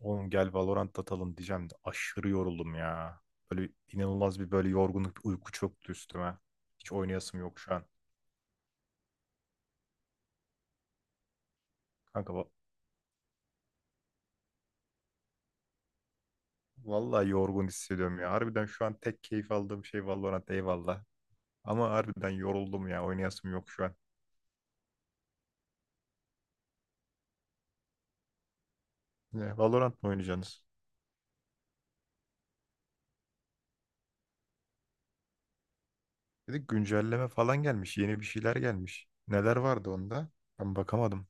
Oğlum gel Valorant atalım diyeceğim de aşırı yoruldum ya. Böyle inanılmaz bir yorgunluk, bir uyku çöktü üstüme. Hiç oynayasım yok şu an. Kanka va- Vallahi yorgun hissediyorum ya. Harbiden şu an tek keyif aldığım şey Valorant eyvallah. Ama harbiden yoruldum ya. Oynayasım yok şu an. Ne, Valorant mı oynayacaksınız? Bir güncelleme falan gelmiş. Yeni bir şeyler gelmiş. Neler vardı onda? Ben bakamadım.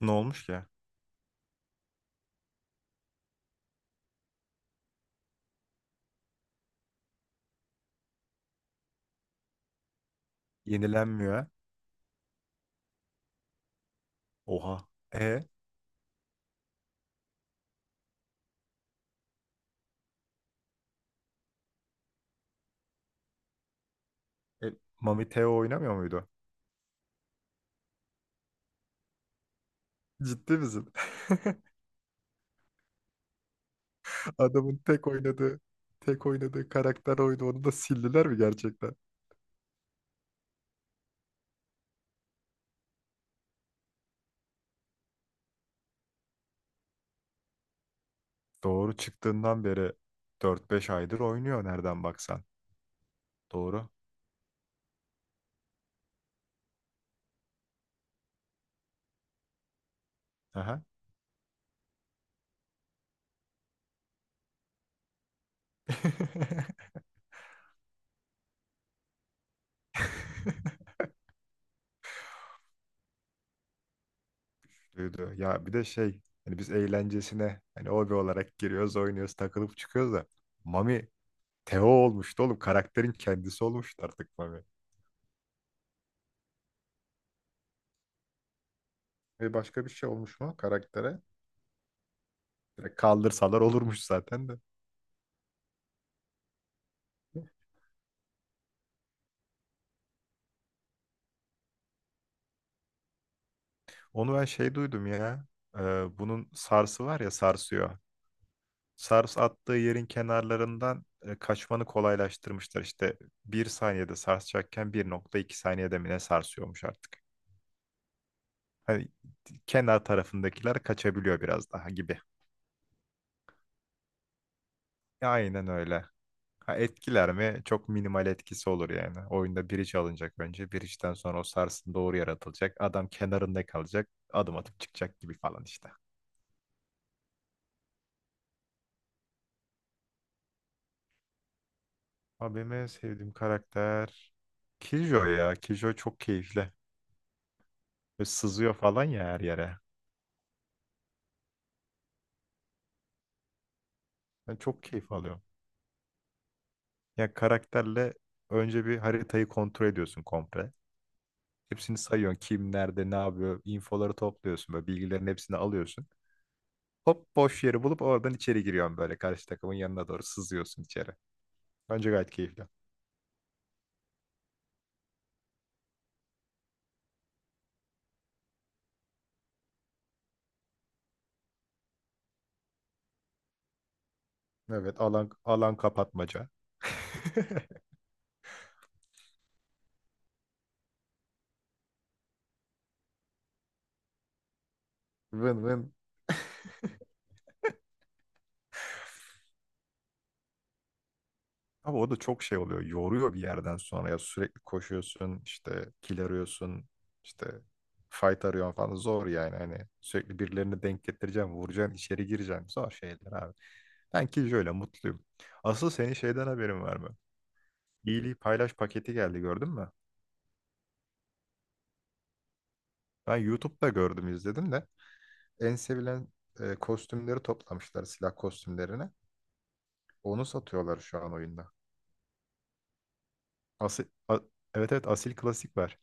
Ne olmuş ki? Yenilenmiyor ha? Oha. E Mami Teo oynamıyor muydu? Ciddi misin? Adamın tek oynadığı karakter oydu. Onu da sildiler mi gerçekten? Doğru çıktığından beri dört beş aydır oynuyor nereden baksan. Doğru. Aha. Duydu. Ya bir de şey hani biz eğlencesine hani hobi olarak giriyoruz oynuyoruz takılıp çıkıyoruz da Mami Teo olmuştu oğlum, karakterin kendisi olmuştu artık Mami. E başka bir şey olmuş mu karaktere? Direkt kaldırsalar olurmuş zaten de. Onu ben şey duydum ya. e, Bunun sarsı var ya, sarsıyor. Sars attığı yerin kenarlarından kaçmanı kolaylaştırmışlar. İşte bir saniyede sarsacakken bir nokta iki saniyede mi ne sarsıyormuş artık. Hani kenar tarafındakiler kaçabiliyor biraz daha gibi. E, aynen öyle. Ha, etkiler mi? Çok minimal etkisi olur yani. Oyunda bridge alınacak önce. Bridge'den sonra o sarsın doğru yaratılacak. Adam kenarında kalacak. Adım atıp çıkacak gibi falan işte. Abime sevdiğim karakter. Kijo ya. Kijo çok keyifli. Böyle sızıyor falan ya her yere. Ben çok keyif alıyorum. Ya karakterle önce bir haritayı kontrol ediyorsun komple. Hepsini sayıyorsun. Kim nerede ne yapıyor. İnfoları topluyorsun. Böyle bilgilerin hepsini alıyorsun. Hop boş yeri bulup oradan içeri giriyorsun böyle. Karşı takımın yanına doğru sızıyorsun içeri. Bence gayet keyifli. Evet, alan kapatmaca. Vın vın. Abi o da çok şey oluyor. Yoruyor bir yerden sonra ya, sürekli koşuyorsun, işte kill arıyorsun, işte fight arıyorsun falan. Zor yani, hani sürekli birilerini denk getireceksin, vuracaksın, içeri gireceksin. Zor şeyler abi. Ben ki şöyle mutluyum. Asıl senin şeyden haberin var mı? İyiliği Paylaş paketi geldi, gördün mü? Ben YouTube'da gördüm, izledim de en sevilen kostümleri toplamışlar, silah kostümlerini. Onu satıyorlar şu an oyunda. Asil, a- evet evet, Asil Klasik var.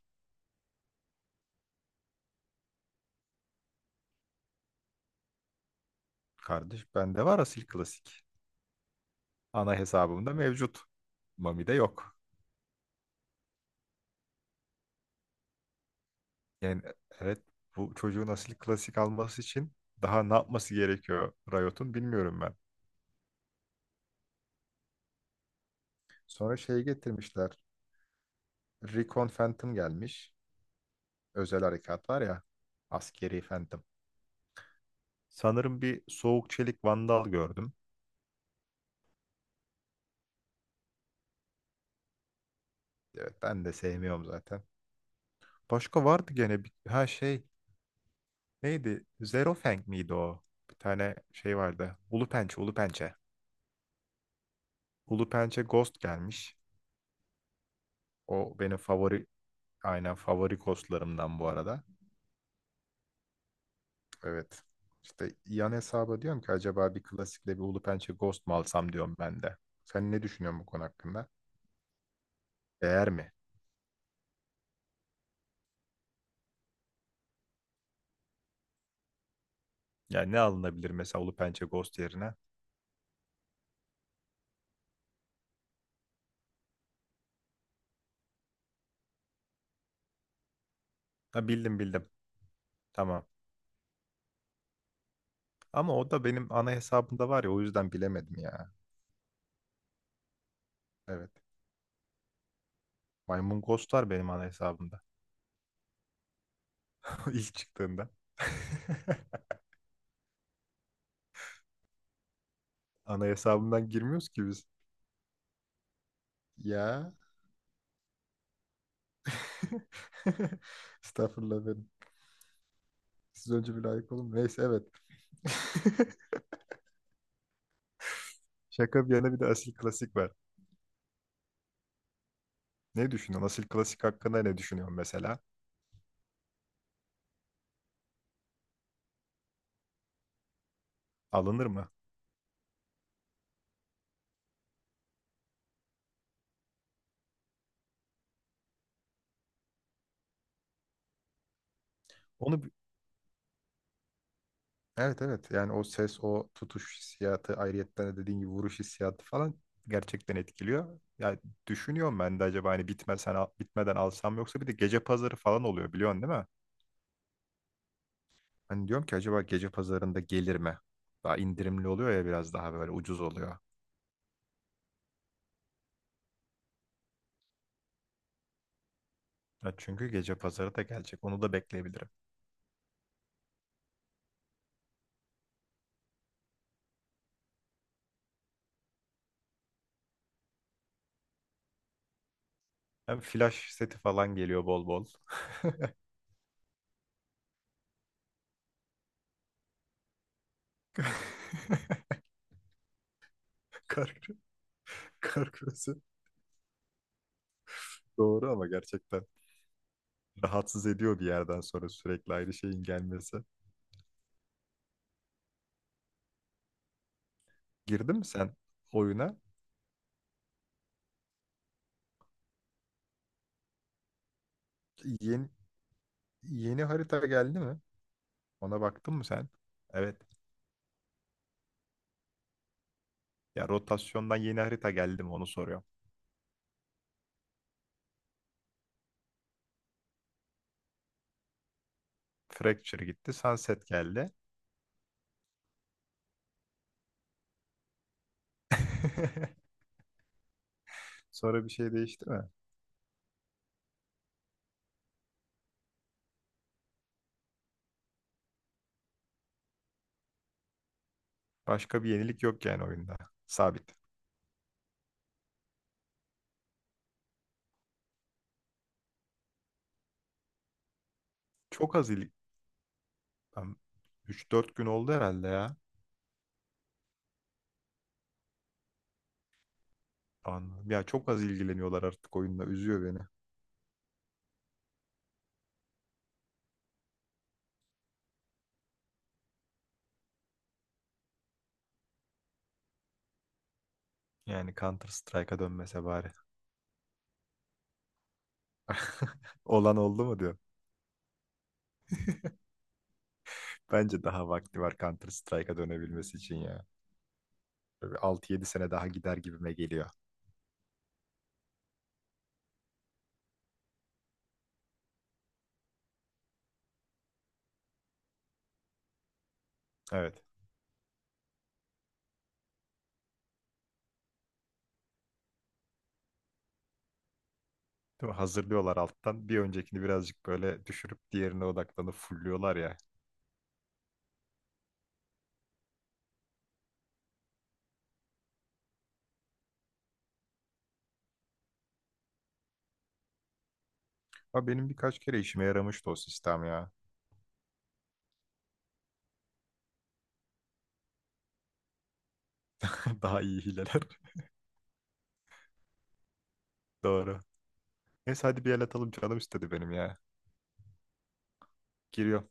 Kardeş bende var Asil Klasik. Ana hesabımda mevcut. Mami'de yok. Yani evet, bu çocuğun Asil Klasik alması için daha ne yapması gerekiyor Riot'un, bilmiyorum ben. Sonra şeyi getirmişler. Recon Phantom gelmiş. Özel harekat var ya. Askeri Phantom. Sanırım bir Soğuk Çelik Vandal gördüm. Evet, ben de sevmiyorum zaten. Başka vardı gene bir, ha şey neydi? Zero Fang miydi o? Bir tane şey vardı. Ulu Pençe, Ulu Pençe. Ulu Pençe Ghost gelmiş. O benim favori. Aynen, favori kostlarımdan bu arada. Evet. İşte yan hesaba diyorum ki acaba bir klasikle bir Ulu Pençe Ghost mu alsam diyorum ben de. Sen ne düşünüyorsun bu konu hakkında? Değer mi? Yani ne alınabilir mesela Ulu Pençe Ghost yerine? Ha, bildim, bildim. Tamam. Ama o da benim ana hesabımda var ya, o yüzden bilemedim ya. Evet. Maymun Ghost'lar benim ana hesabımda. İlk çıktığında. Ana hesabımdan girmiyoruz ki biz. Ya. Estağfurullah benim. Siz önce bir layık olun. Neyse, evet. Şaka bir yana, bir de Asil Klasik var. Ne düşünüyorsun? Asil Klasik hakkında ne düşünüyorsun mesela? Alınır mı? Onu bi- evet evet, yani o ses, o tutuş hissiyatı, ayrıyetten de dediğin gibi vuruş hissiyatı falan gerçekten etkiliyor. Ya düşünüyorum ben de, acaba hani bitmeden alsam, yoksa bir de gece pazarı falan oluyor, biliyorsun değil mi? Hani diyorum ki acaba gece pazarında gelir mi? Daha indirimli oluyor ya, biraz daha böyle ucuz oluyor. Ya çünkü gece pazarı da gelecek. Onu da bekleyebilirim. Hem flash seti falan geliyor bol bol. Kar, kar küresi, doğru, ama gerçekten rahatsız ediyor bir yerden sonra sürekli aynı şeyin gelmesi. Girdin mi sen oyuna? Yeni, yeni harita geldi mi? Ona baktın mı sen? Evet. Ya rotasyondan yeni harita geldi mi onu soruyorum. Fracture gitti, Sunset geldi. Sonra bir şey değişti mi? Başka bir yenilik yok yani oyunda. Sabit. Çok az il... Ben 3-4 gün oldu herhalde ya. Anladım. Ya çok az ilgileniyorlar artık oyunla. Üzüyor beni. Yani Counter Strike'a dönmese bari. Olan oldu mu diyor. Bence daha vakti var Counter Strike'a dönebilmesi için ya. Böyle 6-7 sene daha gider gibime geliyor. Evet. Değil mi? Hazırlıyorlar alttan. Bir öncekini birazcık böyle düşürüp diğerine odaklanıp fulluyorlar ya. Ama benim birkaç kere işime yaramıştı o sistem ya. Daha iyi hileler. Doğru. Neyse hadi bir el atalım, canım istedi benim ya. Giriyorum.